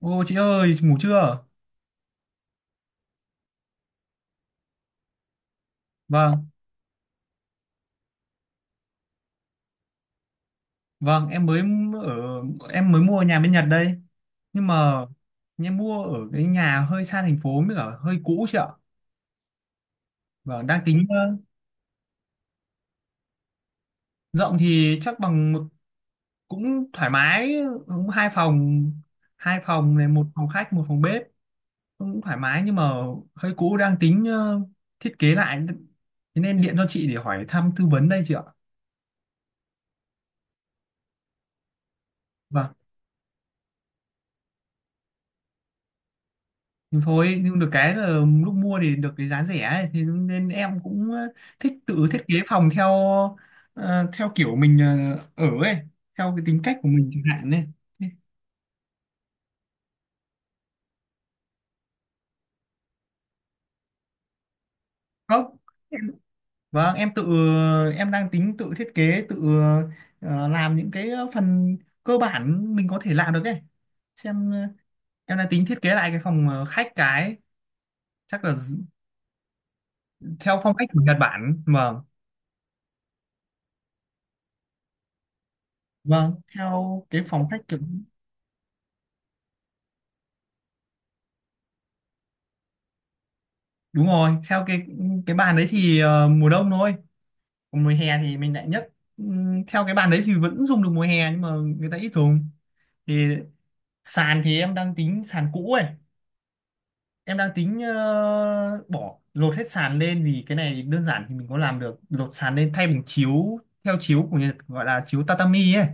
Ô chị ơi, ngủ chưa? Vâng, vâng, em mới ở em mới mua nhà bên Nhật đây. Nhưng mà em mua ở cái nhà hơi xa thành phố mới cả hơi cũ chị ạ. Vâng, đang tính, rộng thì chắc bằng cũng thoải mái, cũng hai phòng này một phòng khách, một phòng bếp, cũng thoải mái nhưng mà hơi cũ, đang tính, thiết kế lại. Thế nên điện cho chị để hỏi thăm tư vấn đây chị ạ. Vâng. Nhưng thôi, nhưng được cái là lúc mua thì được cái giá rẻ ấy, thì nên em cũng, thích tự thiết kế phòng theo kiểu mình, ở ấy, theo cái tính cách của mình chẳng hạn ấy. Không, em- vâng, em tự, em đang tính tự thiết kế, tự, làm những cái phần cơ bản mình có thể làm được ấy. Xem, em đang tính thiết kế lại cái phòng khách, cái chắc là d- theo phong cách của Nhật Bản. Vâng, vâng, theo cái phòng khách kiểu, đúng rồi, theo cái bàn đấy thì ờ, mùa đông thôi, còn mùa hè thì mình lại nhất. Theo cái bàn đấy thì vẫn dùng được mùa hè nhưng mà người ta ít dùng. Thì sàn thì em đang tính sàn cũ ấy, em đang tính, bỏ lột hết sàn lên vì cái này đơn giản thì mình có làm được, lột sàn lên thay bằng chiếu, theo chiếu của Nhật gọi là chiếu tatami ấy.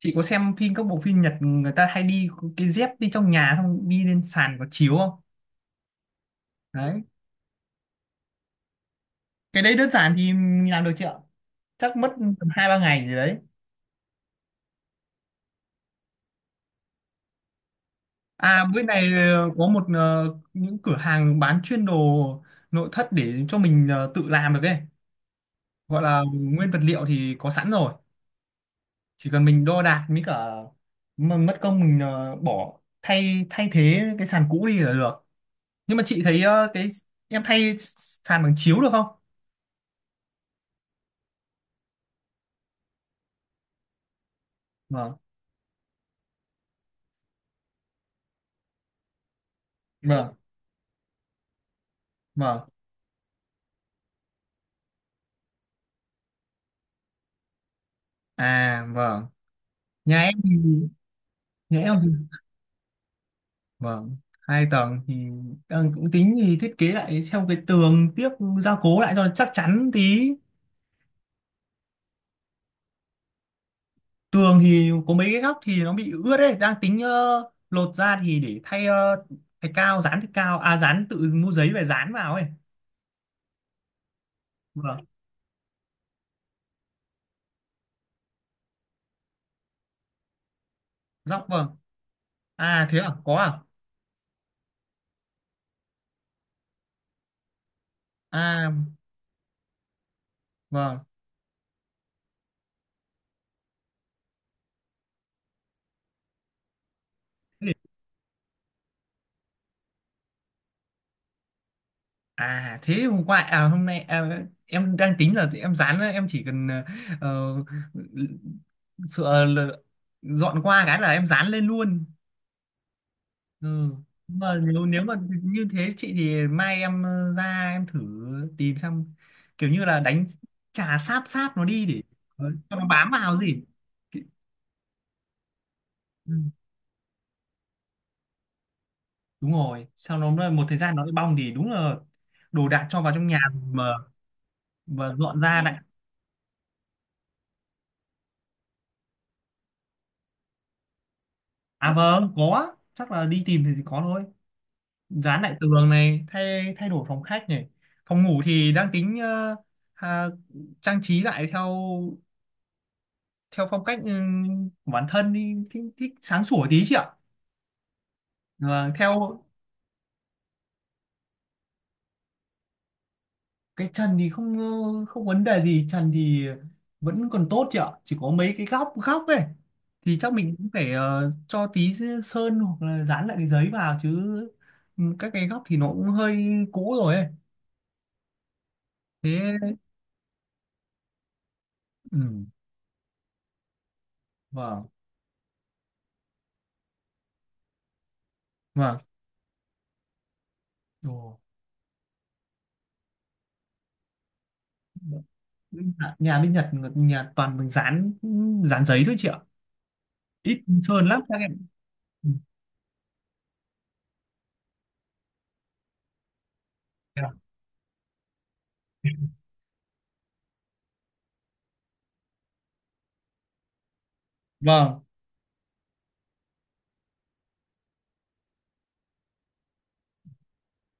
Chị có xem phim, các bộ phim Nhật người ta hay đi cái dép đi trong nhà xong đi lên sàn có chiếu không? Đấy, cái đấy đơn giản thì mình làm được chị ạ, chắc mất tầm hai ba ngày gì đấy. À bên này, có những cửa hàng bán chuyên đồ nội thất để cho mình tự làm được ấy. Gọi là nguyên vật liệu thì có sẵn rồi. Chỉ cần mình đo đạc mới cả mà mất công mình bỏ thay thay thế cái sàn cũ đi là được. Nhưng mà chị thấy cái em thay sàn bằng chiếu được không? Vâng, vâng, vâng. À vâng. Nhà em thì, nhà em thì vâng, hai tầng thì ờ, cũng tính thì thiết kế lại theo cái tường tiếc, gia cố lại cho nó chắc chắn tí. Tường thì có mấy cái góc thì nó bị ướt đấy, đang tính, lột ra thì để thay thay cao dán thạch cao, à dán tự mua giấy về dán vào ấy. Vâng, góc, vâng, à thế à, có à, à vâng. Thế để- À thế hôm qua, à hôm nay à, em đang tính là em dán, em chỉ cần ờ, sợ là dọn qua cái là em dán lên luôn. Ừ. Mà nếu nếu mà như thế chị thì mai em ra em thử tìm xem, kiểu như là đánh, chà sáp sáp nó đi để ờ, cho nó bám vào gì. Ừ. Đúng rồi, sau nó một thời gian nó lại bong thì đúng là đồ đạc cho vào trong nhà mà mà dọn ra lại. À vâng, có, chắc là đi tìm thì có thôi. Dán lại tường này, thay thay đổi phòng khách này, phòng ngủ thì đang tính, à, trang trí lại theo, theo phong cách ừ, của bản thân thì thích, thích sáng sủa tí chị ạ. Và theo cái trần thì không, không vấn đề gì, trần thì vẫn còn tốt chị ạ, chỉ có mấy cái góc góc ấy thì chắc mình cũng phải cho tí sơn hoặc là dán lại cái giấy vào chứ. Ừ, các cái góc thì nó cũng hơi cũ rồi ấy. Thế, ừ, vâng, vâng. Ồ, nhà nhà bên Nhật, nhà toàn mình dán, dán giấy thôi chị ạ, ít sơn lắm các em. Ừ, dạ. Vâng,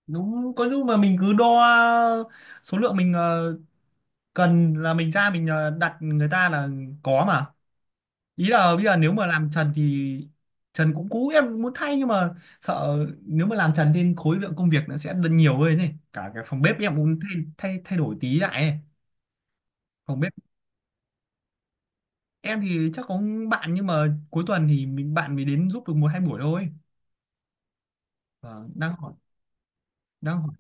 đúng, có lúc mà mình cứ đo số lượng mình cần là mình ra mình đặt người ta là có mà. Ý là bây giờ nếu mà làm trần thì trần cũng cũ, em cũng muốn thay nhưng mà sợ nếu mà làm trần thì khối lượng công việc nó sẽ nhiều hơn, này cả cái phòng bếp em cũng thay, thay đổi tí lại ấy. Phòng bếp em thì chắc có bạn nhưng mà cuối tuần thì mình bạn mới đến giúp được một hai buổi thôi. Vâng, đang hỏi, đang hỏi.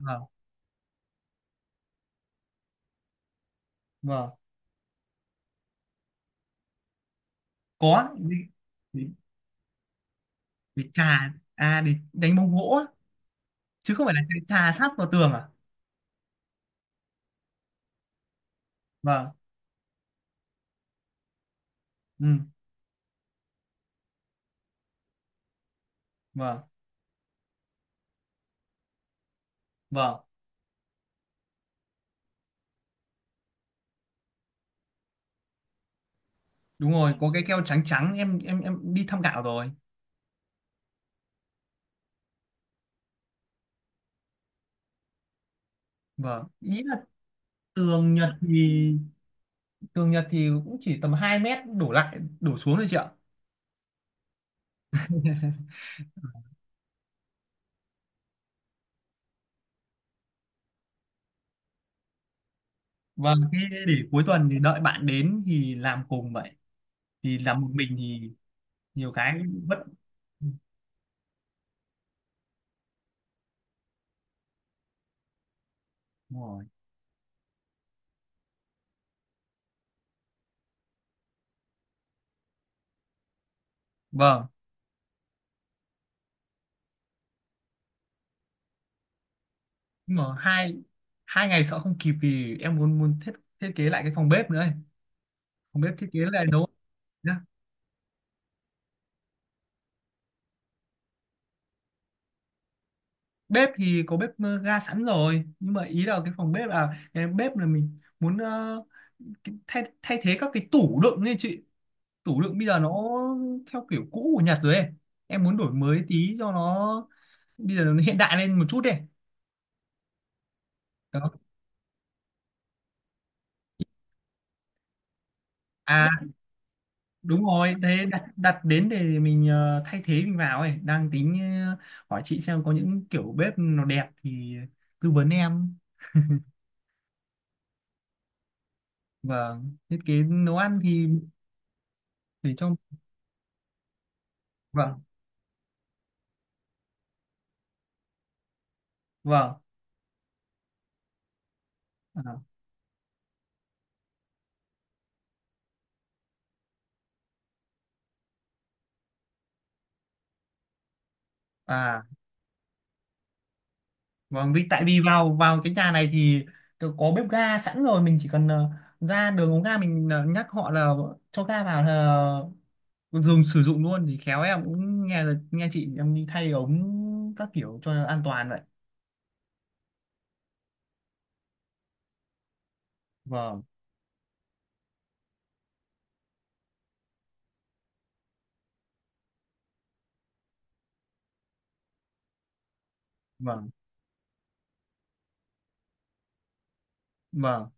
Vâng, vâng, có đi, đi, đi trà à, để đánh bóng gỗ á. Chứ không phải là trà trà sát vào tường à? Vâng, ừ, vâng, vâng, đúng rồi, có cái keo trắng trắng, em đi thăm gạo rồi. Vâng, ý là tường Nhật thì, tường Nhật thì cũng chỉ tầm 2 m đổ lại đổ xuống thôi chị ạ. Vâng, thế để cuối tuần thì đợi bạn đến thì làm cùng vậy, thì làm một mình thì nhiều cái bất. Đúng rồi. Vâng, nhưng mà hai, 2 ngày sợ không kịp vì em muốn, muốn thiết thiết kế lại cái phòng bếp nữa ấy. Phòng bếp thiết kế lại nấu, bếp thì có bếp ga sẵn rồi nhưng mà ý là cái phòng bếp là cái bếp là mình muốn, thay, thay thế các cái tủ đựng ấy chị. Tủ đựng bây giờ nó theo kiểu cũ của Nhật rồi ấy, em muốn đổi mới tí cho nó, bây giờ nó hiện đại lên một chút đi. Đó, à, đúng rồi, thế đặt đặt đến để mình thay thế mình vào ấy, đang tính ờ, hỏi chị xem có những kiểu bếp nó đẹp thì tư vấn em. Vâng, thiết kế nấu ăn thì để cho, vâng, vâng, à, à. Vâng, vì tại vì vào vào cái nhà này thì có bếp ga sẵn rồi, mình chỉ cần, ra đường ống ga mình nhắc họ là cho ga vào là dùng sử dụng luôn, thì khéo em cũng nghe là nghe chị em đi thay ống các kiểu cho nó an toàn vậy. Vâng, vâng, vâng,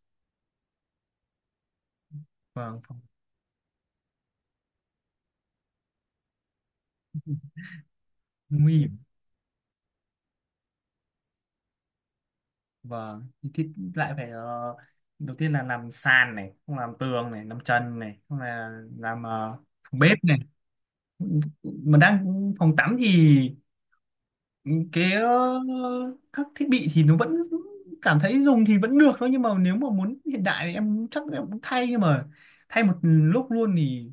vâng, phòng, nguy hiểm. Vâng, thì thiết lại phải, đầu tiên là làm sàn này, không làm tường này, làm trần này, không là làm phòng bếp này. Mà đang, phòng tắm thì cái ờ, các thiết bị thì nó vẫn cảm thấy dùng thì vẫn được thôi nhưng mà nếu mà muốn hiện đại thì em chắc em cũng thay nhưng mà thay một lúc luôn thì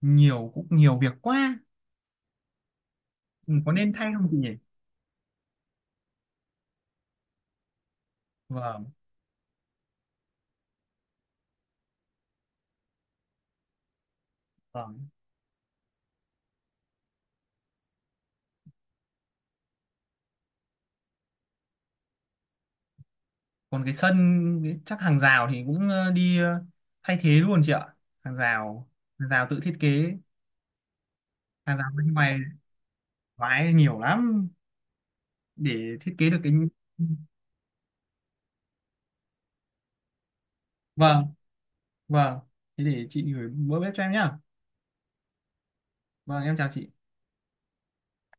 nhiều cũng nhiều việc quá. Ừ, có nên thay không chị nhỉ? Vâng, vâng, còn cái sân, chắc hàng rào thì cũng ờ, đi thay thế luôn chị ạ. Hàng rào, hàng rào tự thiết kế, hàng rào bên ngoài, vãi nhiều lắm để thiết kế được cái, vâng, vâng, thế để chị gửi bữa bếp cho em nhá. Vâng em chào chị.